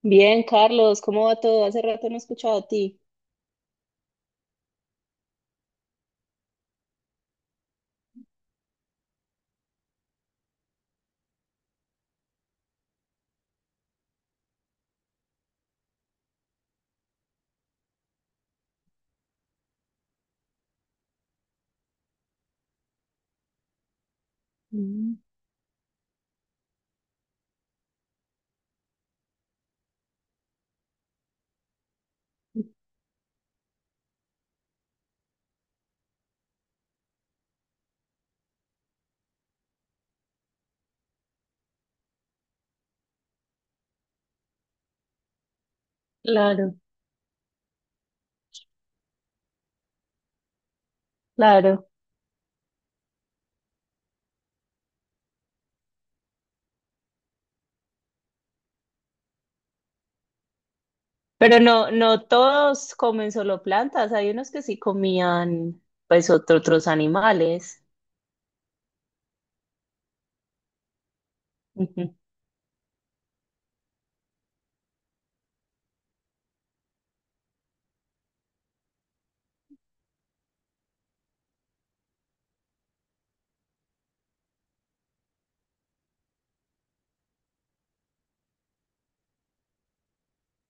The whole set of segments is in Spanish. Bien, Carlos, ¿cómo va todo? Hace rato no he escuchado a ti. Mm. Claro, claro. Pero no, no todos comen solo plantas. Hay unos que sí comían, pues, otros animales.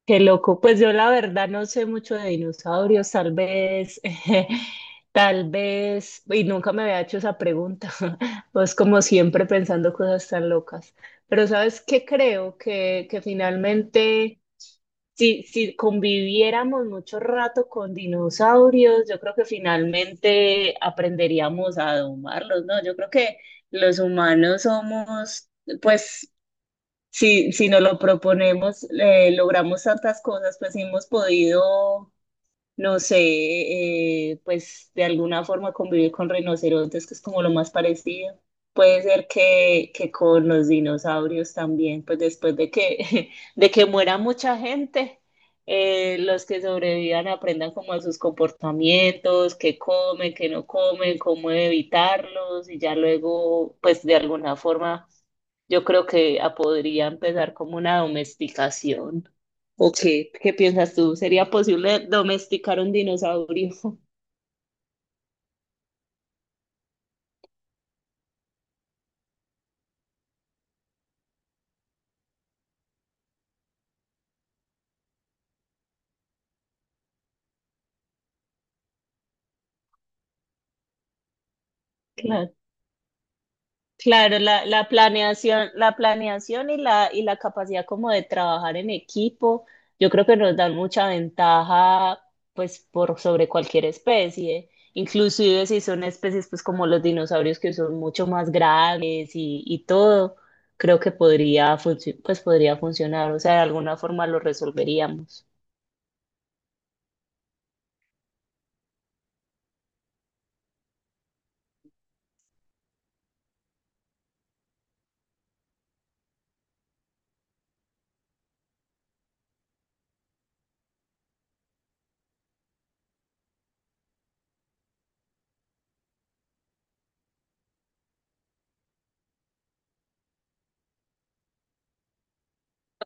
Qué loco. Pues yo la verdad no sé mucho de dinosaurios, tal vez, tal vez, y nunca me había hecho esa pregunta. Pues como siempre pensando cosas tan locas. Pero ¿sabes qué creo? Que finalmente, si conviviéramos mucho rato con dinosaurios, yo creo que finalmente aprenderíamos a domarlos, ¿no? Yo creo que los humanos somos, pues si nos lo proponemos, logramos tantas cosas, pues hemos podido no sé, pues de alguna forma convivir con rinocerontes, que es como lo más parecido. Puede ser que con los dinosaurios también, pues después de que, de que muera mucha gente, los que sobrevivan aprendan como a sus comportamientos, qué comen, qué no comen, cómo evitarlos y ya luego, pues de alguna forma, yo creo que podría empezar como una domesticación. ¿O qué, qué piensas tú? ¿Sería posible domesticar un dinosaurio? Claro, claro, la planeación, la planeación y la capacidad como de trabajar en equipo, yo creo que nos dan mucha ventaja pues por sobre cualquier especie, inclusive si son especies pues como los dinosaurios que son mucho más grandes y todo, creo que podría pues podría funcionar, o sea, de alguna forma lo resolveríamos.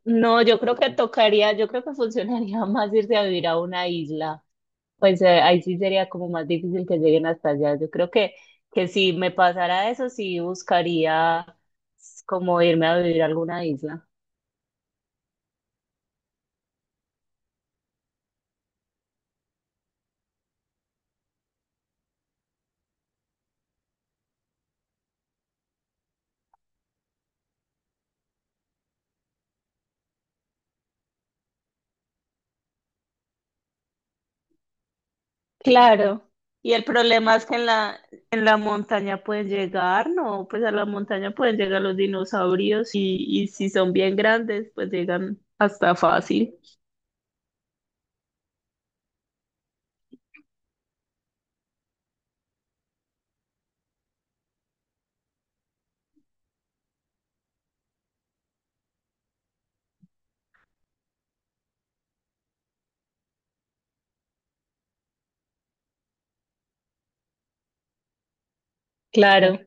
No, yo creo que tocaría, yo creo que funcionaría más irse a vivir a una isla. Pues ahí sí sería como más difícil que lleguen hasta allá. Yo creo que si me pasara eso, sí buscaría como irme a vivir a alguna isla. Claro. Y el problema es que en la montaña pueden llegar, no, pues a la montaña pueden llegar los dinosaurios y si son bien grandes, pues llegan hasta fácil. Claro.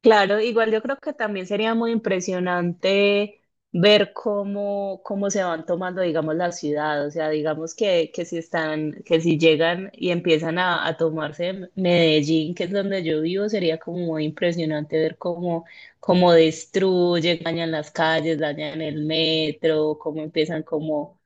Claro, igual yo creo que también sería muy impresionante ver cómo, cómo se van tomando, digamos, la ciudad. O sea, digamos que si están, que si llegan y empiezan a tomarse Medellín, que es donde yo vivo, sería como muy impresionante ver cómo, cómo destruyen, dañan las calles, dañan el metro, cómo empiezan como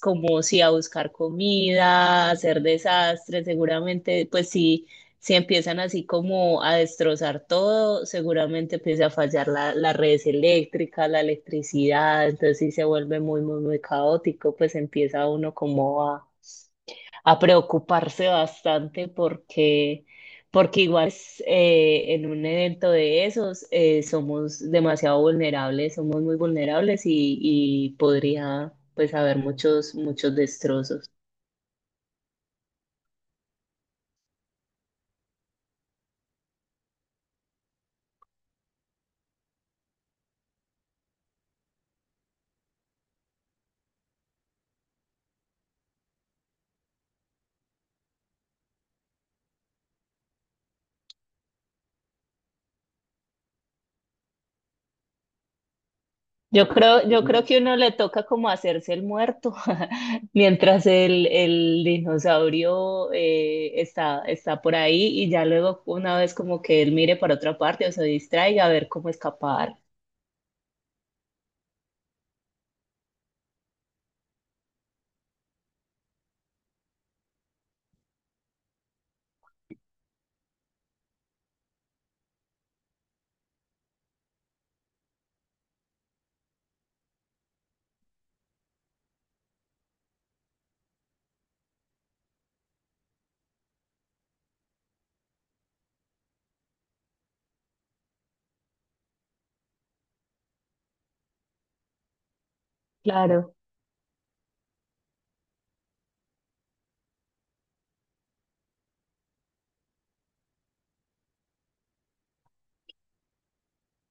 como si a buscar comida, a hacer desastres, seguramente, pues sí si empiezan así como a destrozar todo, seguramente empieza a fallar la, las redes eléctricas, la electricidad, entonces sí se vuelve muy, muy, muy caótico, pues empieza uno como a preocuparse bastante porque, porque igual es, en un evento de esos somos demasiado vulnerables, somos muy vulnerables y podría pues haber muchos, muchos destrozos. Yo creo que uno le toca como hacerse el muerto mientras el dinosaurio está, está por ahí y ya luego una vez como que él mire para otra parte o se distraiga a ver cómo escapar. Claro.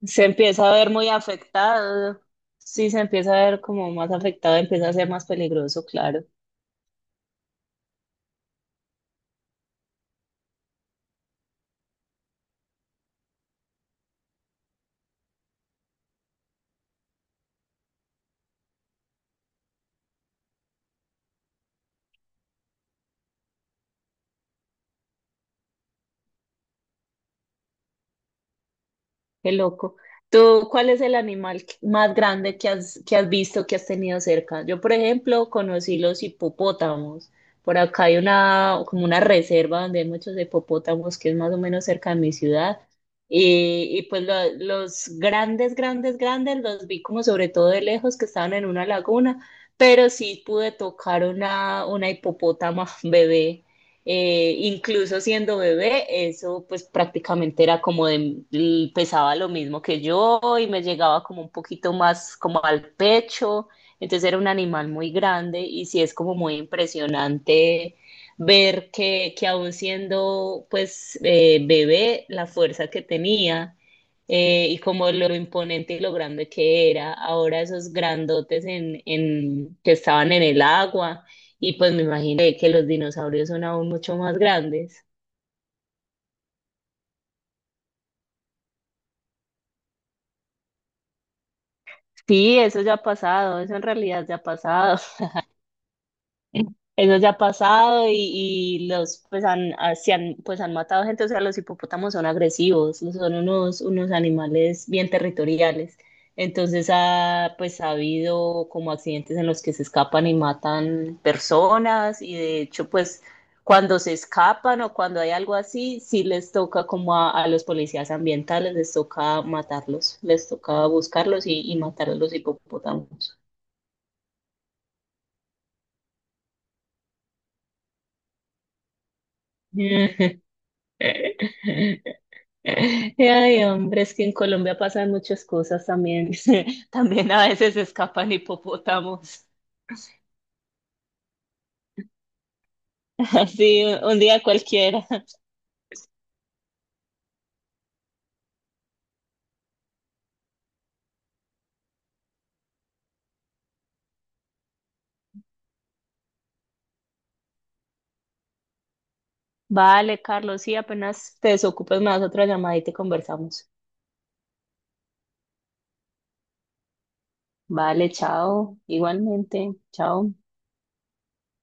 Se empieza a ver muy afectado. Sí, se empieza a ver como más afectado, empieza a ser más peligroso, claro. Qué loco. ¿Tú cuál es el animal más grande que has visto, que has tenido cerca? Yo, por ejemplo, conocí los hipopótamos. Por acá hay una, como una reserva donde hay muchos hipopótamos, que es más o menos cerca de mi ciudad. Y pues los grandes, grandes, grandes los vi como sobre todo de lejos que estaban en una laguna, pero sí pude tocar una hipopótama bebé. Incluso siendo bebé, eso pues prácticamente era como de, pesaba lo mismo que yo y me llegaba como un poquito más como al pecho, entonces era un animal muy grande y sí es como muy impresionante ver que aún siendo pues bebé, la fuerza que tenía y como lo imponente y lo grande que era, ahora esos grandotes en, que estaban en el agua y pues me imaginé que los dinosaurios son aún mucho más grandes. Sí, eso ya ha pasado, eso en realidad ya ha pasado. Eso ya ha pasado y los pues han, se han pues han matado gente, o sea, los hipopótamos son agresivos, son unos, unos animales bien territoriales. Entonces ha pues ha habido como accidentes en los que se escapan y matan personas y de hecho pues cuando se escapan o cuando hay algo así, sí les toca como a los policías ambientales, les toca matarlos, les toca buscarlos y matar a los hipopótamos. Ay, hombre, es que en Colombia pasan muchas cosas también. También a veces escapan hipopótamos. Así, un día cualquiera. Vale, Carlos, sí, apenas te desocupes, más otra llamada y te conversamos. Vale, chao. Igualmente, chao.